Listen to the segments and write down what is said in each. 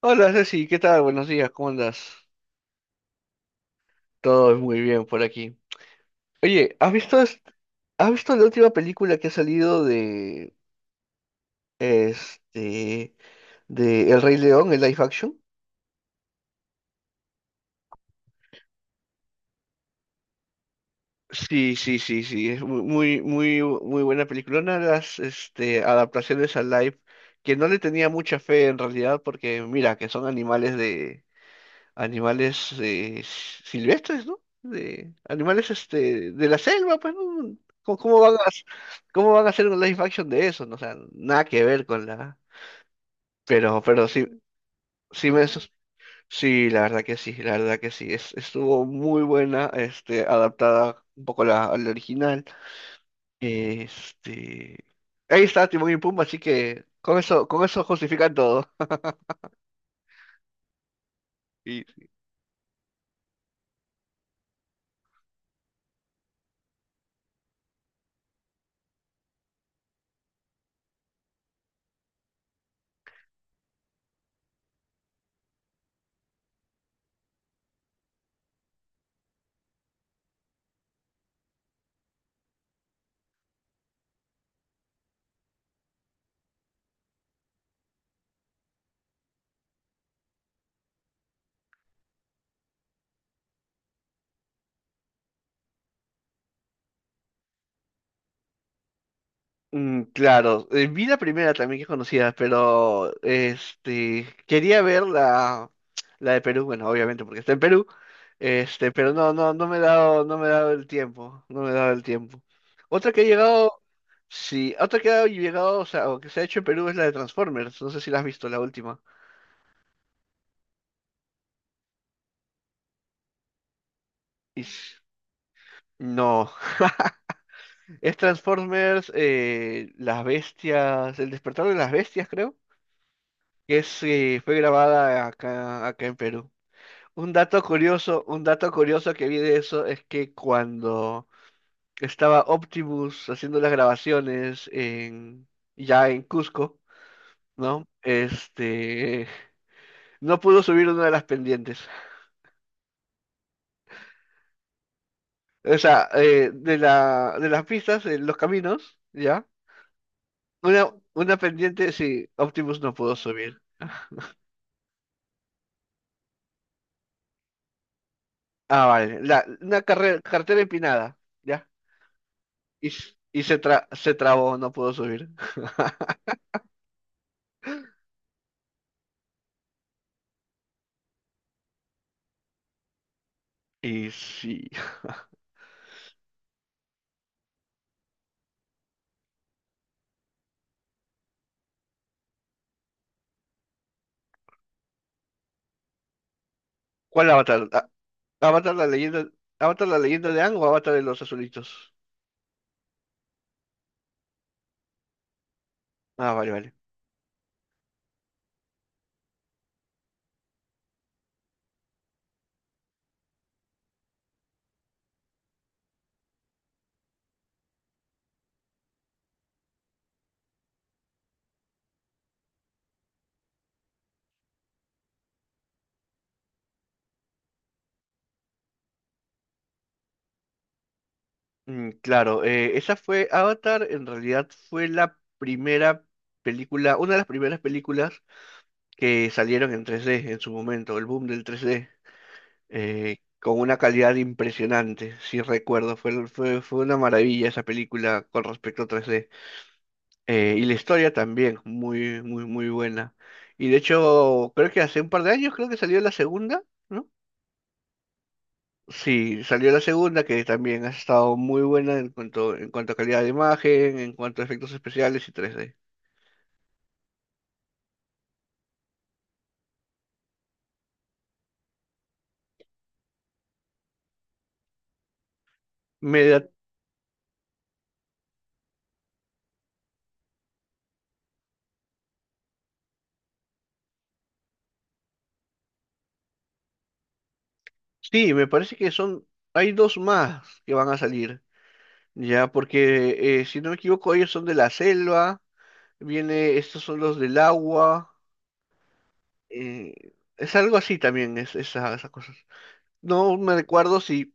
Hola Ceci, ¿qué tal? Buenos días, ¿cómo andas? Todo muy bien por aquí. Oye, ¿has visto, has visto la última película que ha salido de este de El Rey León, el live action? Sí, sí, sí, sí, es muy, muy, muy buena película. Una de las adaptaciones al live que no le tenía mucha fe en realidad porque mira que son animales de animales silvestres, ¿no? De animales este de la selva, pues, ¿no? ¿Cómo, cómo van a, ¿Cómo van a hacer un live action de eso? No, o sea, nada que ver con la. Pero sí, sí me sus- sí, la verdad que sí, la verdad que sí. Estuvo muy buena, este, adaptada un poco a a la original. Este. Ahí está Timón y Pumba, así que con eso justifican todo. Y claro, vi la primera también que conocía, pero este quería ver la de Perú, bueno, obviamente porque está en Perú, este, pero no me he dado, no me he dado el tiempo, no me he dado el tiempo. Otra que ha llegado, sí, otra que ha llegado, o sea, o que se ha hecho en Perú es la de Transformers, no sé si la has visto, la última. Y s- No, es Transformers, las bestias, el despertar de las bestias, creo, que es, fue grabada acá, acá en Perú. Un dato curioso que vi de eso es que cuando estaba Optimus haciendo las grabaciones en, ya en Cusco, ¿no? Este, no pudo subir una de las pendientes. O sea, de de las pistas, los caminos, ¿ya? Una pendiente, sí, Optimus no pudo subir. Ah, vale. Una carretera empinada, ¿ya? Y, y se trabó, no pudo subir. Y sí. ¿Cuál avatar? Avatar la leyenda, Avatar la leyenda de Aang o Avatar de los azulitos. Ah, vale, vale. Claro, esa fue Avatar, en realidad fue la primera película, una de las primeras películas que salieron en 3D en su momento, el boom del 3D, con una calidad impresionante, si recuerdo, fue una maravilla esa película con respecto a 3D. Y la historia también, muy, muy, muy buena. Y de hecho, creo que hace un par de años, creo que salió la segunda. No, sí, salió la segunda, que también ha estado muy buena en cuanto a calidad de imagen, en cuanto a efectos especiales y 3D. Me da- sí, me parece que son, hay dos más que van a salir, ya, porque si no me equivoco, ellos son de la selva, viene, estos son los del agua, eh, es algo así también, es, esas cosas. No me recuerdo si,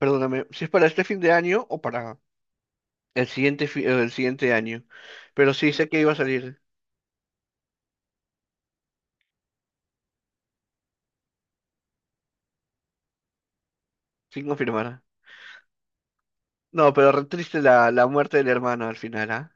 perdóname, si es para este fin de año o para el siguiente, el siguiente año, pero sí sé que iba a salir, sin confirmar. No, pero re triste la muerte del hermano al final, ¿ah?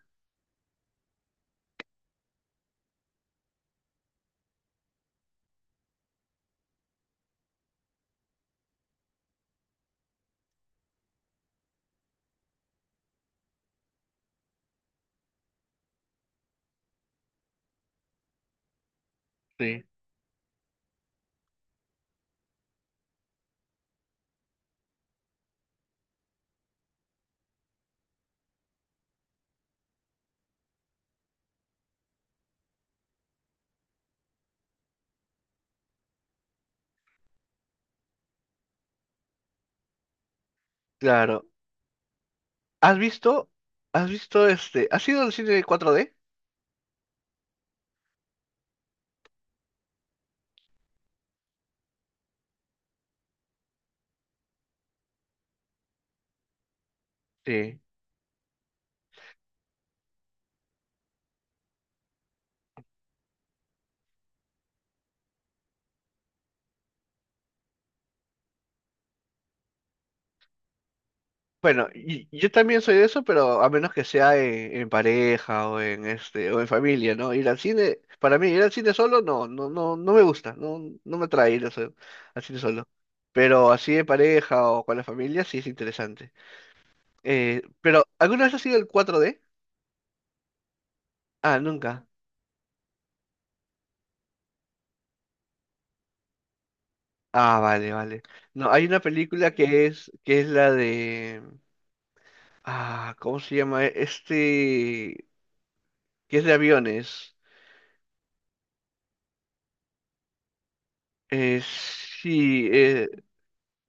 Sí, claro. ¿Has visto? ¿Has visto este? ¿Has ido al cine 4D? Sí. Bueno, y yo también soy de eso, pero a menos que sea en pareja o en este o en familia, ¿no? Ir al cine, para mí ir al cine solo no, no, no, no me gusta, no, no me atrae ir al cine solo. Pero así en pareja o con la familia sí es interesante. Pero ¿alguna vez has ido al 4D? Ah, nunca. Ah, vale, vale. No, hay una película que es la de, ah, ¿cómo se llama? E, Este, que es de aviones. Eh, sí,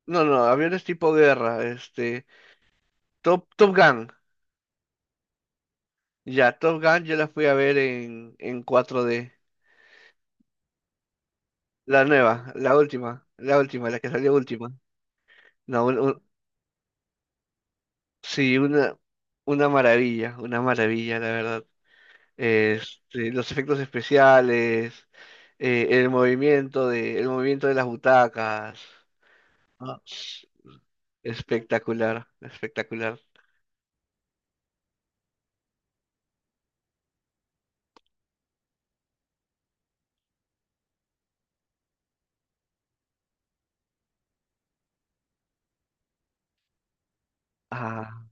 no, no, aviones tipo guerra, este, Top Gun. Ya, Top Gun yo la fui a ver en cuatro d La nueva, la última, la última, la que salió última. No, un- sí, una maravilla, la verdad. Este, los efectos especiales, el movimiento de las butacas. Ah, espectacular, espectacular. Ah,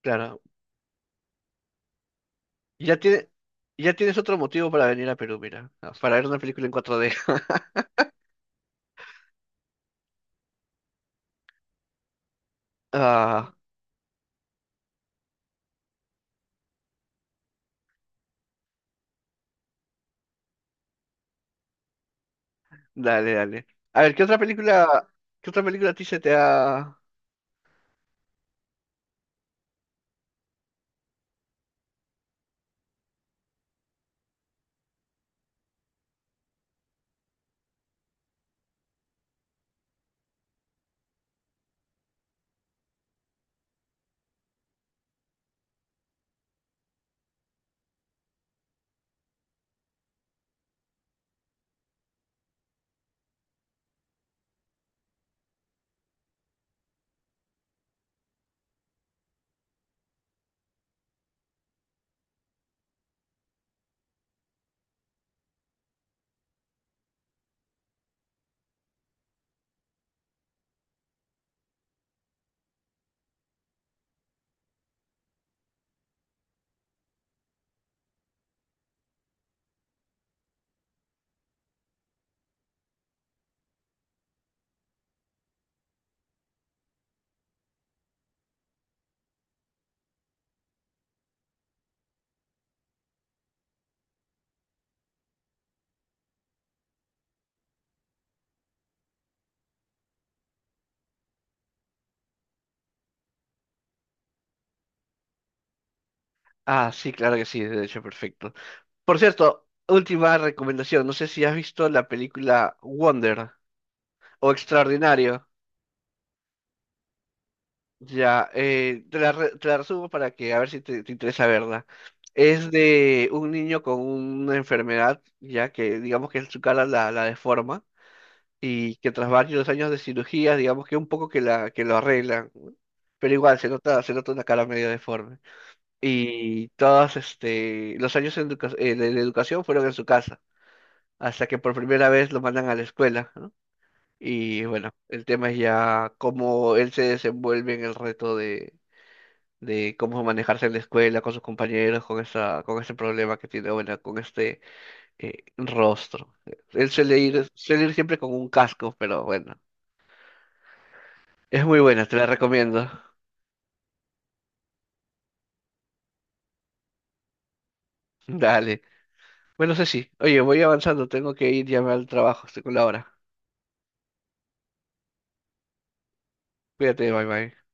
claro. Ya tiene, ya tienes otro motivo para venir a Perú, mira, ah, para ver una película en 4D. Ah, dale, dale. A ver, ¿qué otra película a ti se te ha...? Ah, sí, claro que sí, de hecho, perfecto. Por cierto, última recomendación, no sé si has visto la película Wonder o Extraordinario. Ya, te te la resumo para que a ver si te, te interesa verla. Es de un niño con una enfermedad, ya que digamos que su cara la deforma y que tras varios años de cirugías digamos que un poco que lo arreglan, ¿no? Pero igual se nota una cara medio deforme. Y todos este, los años en de educación fueron en su casa, hasta que por primera vez lo mandan a la escuela, ¿no? Y bueno, el tema es ya cómo él se desenvuelve en el reto de cómo manejarse en la escuela con sus compañeros, con esa, con ese problema que tiene, bueno, con este rostro. Suele ir siempre con un casco, pero bueno, es muy buena, te la recomiendo. Dale. Bueno, Ceci, oye, voy avanzando, tengo que ir ya al trabajo, estoy con la hora. Cuídate, bye bye.